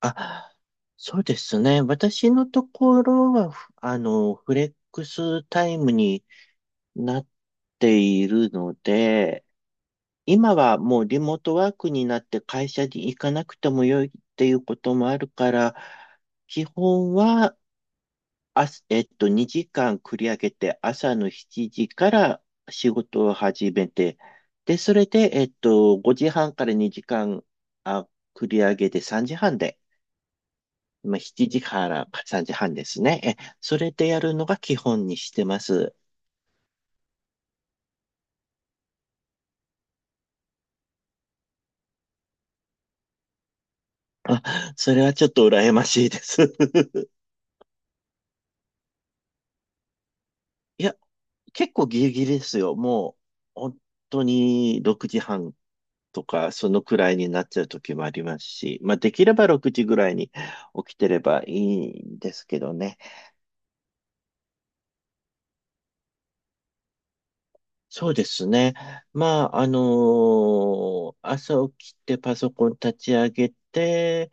あ、そうですね。私のところは、ふあの、フレックスタイムになっているので、今はもうリモートワークになって会社に行かなくてもよいっていうこともあるから、基本は、あす、えっと、2時間繰り上げて朝の7時から仕事を始めて、で、それで、5時半から2時間、あ、繰り上げて3時半で、まあ、7時から3時半ですね。それでやるのが基本にしてます。あ、それはちょっと羨ましいです。いや、結構ギリギリですよ。もう、本当に6時半とか、そのくらいになっちゃう時もありますし、まあ、できれば6時ぐらいに起きてればいいんですけどね。そうですね。まあ、朝起きてパソコン立ち上げて、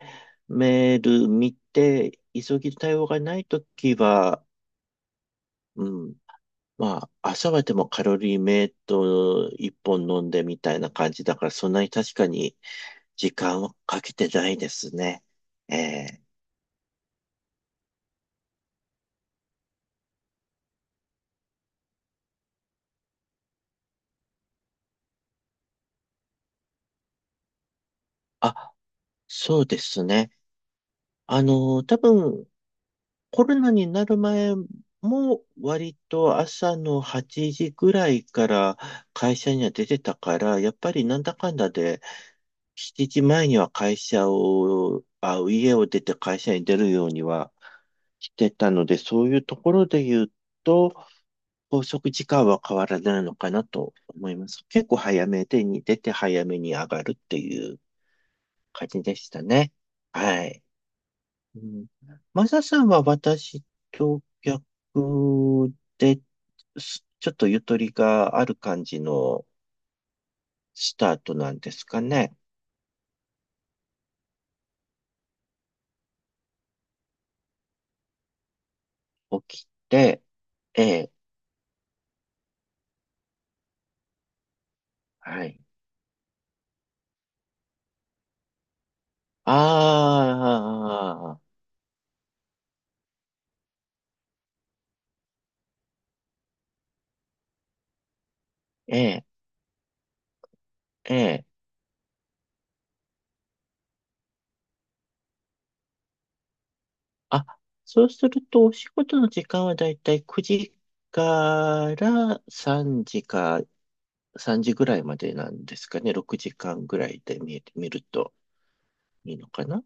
メール見て、急ぎ対応がないときは、うん、まあ、朝はでもカロリーメイト一本飲んでみたいな感じだから、そんなに確かに時間をかけてないですね。ええ。あ、そうですね。多分、コロナになる前も割と朝の8時ぐらいから会社には出てたから、やっぱりなんだかんだで7時前には会社を、家を出て会社に出るようにはしてたので、そういうところで言うと、拘束時間は変わらないのかなと思います。結構早めでに出て早めに上がるっていう感じでしたね。はい。うん。マサさんは私と逆で、ちょっとゆとりがある感じのスタートなんですかね。起きて、ええ、はい。ああ、ええ、ええ。あ、そうするとお仕事の時間はだいたい9時から3時か3時ぐらいまでなんですかね。6時間ぐらいで見えてみるといいのかな。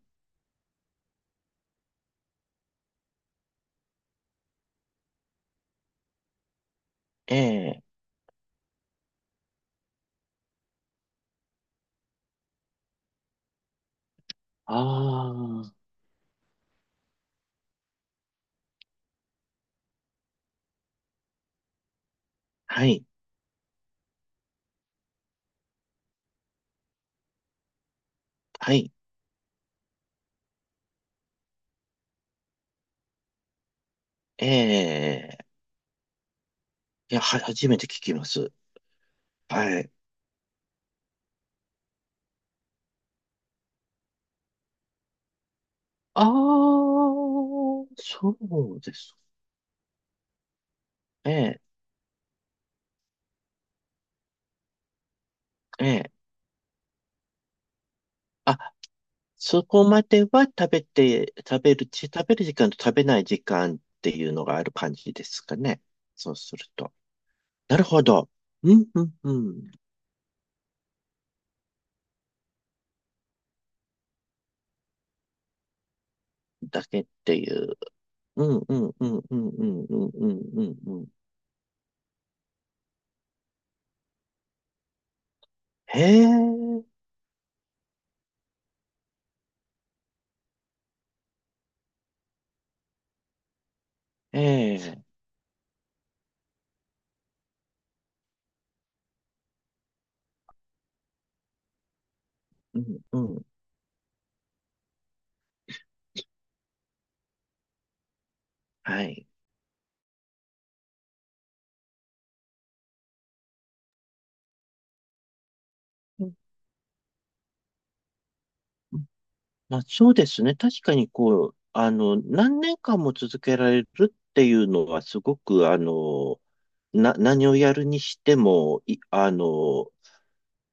ええ。ああ。はい。はい。ええ。いや、初めて聞きます。はい。ああ、そうです。ええ、ええ、あ、そこまでは食べて、食べる時間と食べない時間っていうのがある感じですかね。そうすると。なるほど。うん、うん、うん。だけっていう。うん、うん、うん、うん、うん、うん、うん、うん。うん。へえ、ええ、うん、うん。はい。まあ、そうですね。確かに、こう、あの、何年間も続けられるっていうのは、すごく、あの、何をやるにしても、あの、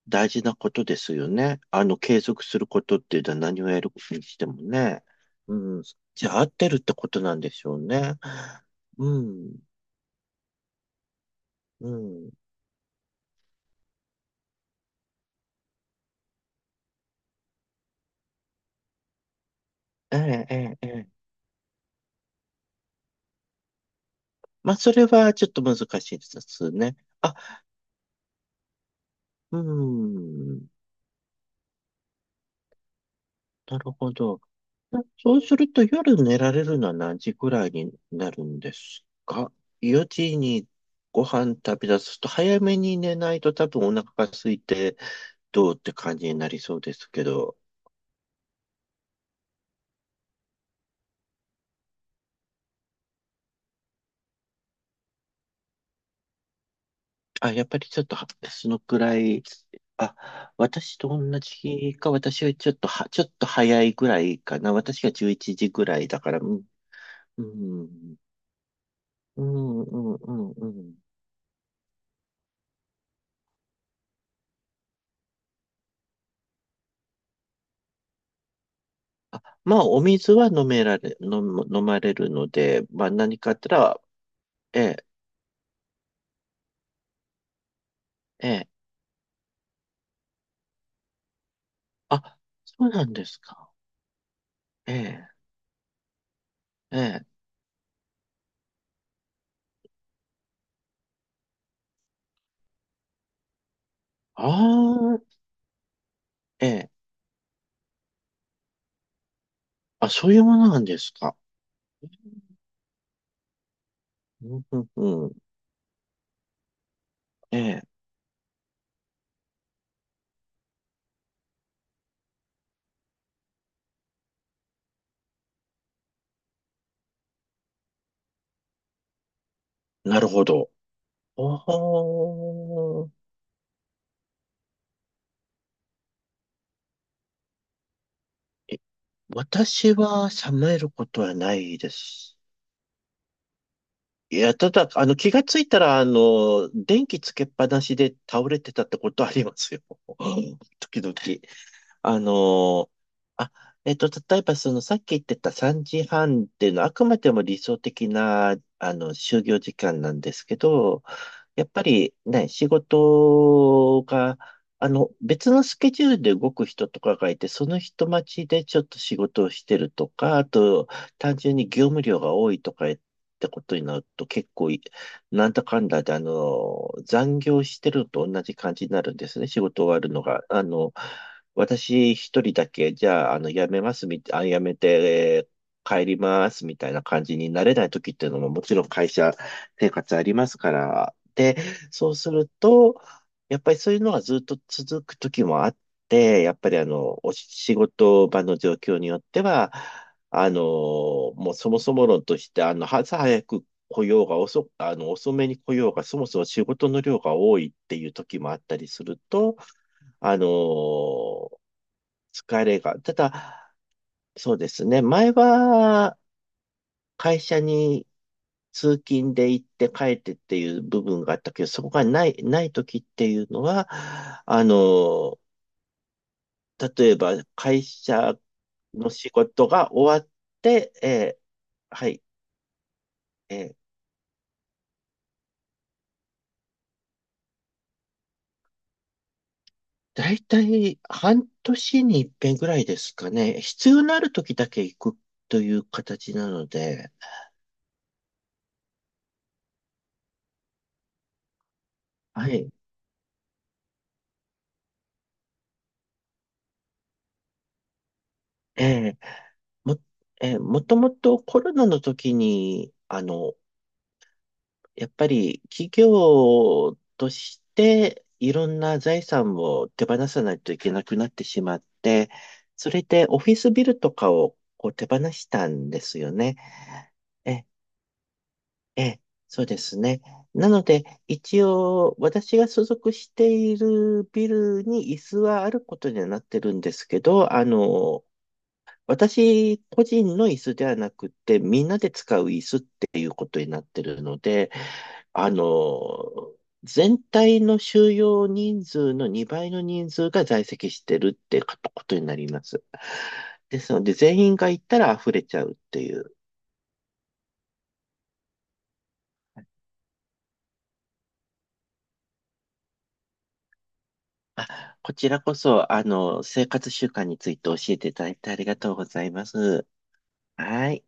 大事なことですよね。あの、継続することっていうのは何をやるにしてもね。うん。じゃあ、合ってるってことなんでしょうね。うん。うん。ええ、ええ、ええ。まあ、それはちょっと難しいですね。あ、うん。なるほど。そうすると夜寝られるのは何時くらいになるんですか？ 4 時にご飯食べ出すと早めに寝ないと多分お腹が空いてどうって感じになりそうですけど。あ、やっぱりちょっとはそのくらい、私と同じか、私はちょっとは、ちょっと早いくらいかな。私が11時ぐらいだから、うん、うん、うん、うん、うんうん。まあ、お水は飲められ、飲む、飲まれるので、まあ、何かあったら、ええ、ええ。あ、そうなんですか。ええ、ええ。ああ、ええ。あ、そういうものなんですか。うん、うん、うん、ええ。なるほど。おー。え私は冷めることはないです。いや、ただ、あの、気がついたら、あの、電気つけっぱなしで倒れてたってことありますよ。時々。あのーあ、例えばそのさっき言ってた3時半っていうのはあくまでも理想的な、あの、就業時間なんですけど、やっぱりね、仕事が、あの、別のスケジュールで動く人とかがいて、その人待ちでちょっと仕事をしてるとか、あと、単純に業務量が多いとかってことになると結構い、なんだかんだで、あの、残業してるのと同じ感じになるんですね、仕事終わるのが。あの、私一人だけ、じゃあ、あの、辞めて、帰りますみたいな感じになれない時っていうのももちろん会社生活ありますから。で、そうすると、やっぱりそういうのがずっと続く時もあって、やっぱりあの、お仕事場の状況によっては、あの、もうそもそも論として、あの、朝早く来ようが遅く、あの、遅めに来ようが、そもそも仕事の量が多いっていう時もあったりすると、あのー疲れが、ただ、そうですね、前は会社に通勤で行って帰ってっていう部分があったけど、そこがない時っていうのは、あのー例えば会社の仕事が終わって、はい、えーだいたい半年に一遍ぐらいですかね。必要のある時だけ行くという形なので、はい。えも、えーもともとコロナの時に、あの、やっぱり企業としていろんな財産を手放さないといけなくなってしまって、それでオフィスビルとかをこう手放したんですよね。え、え、そうですね。なので、一応、私が所属しているビルに椅子はあることにはなってるんですけど、あの、私個人の椅子ではなくて、みんなで使う椅子っていうことになってるので、あの、全体の収容人数の2倍の人数が在籍してるってことになります。ですので、全員が行ったら溢れちゃうっていう。こちらこそ、あの、生活習慣について教えていただいてありがとうございます。はい。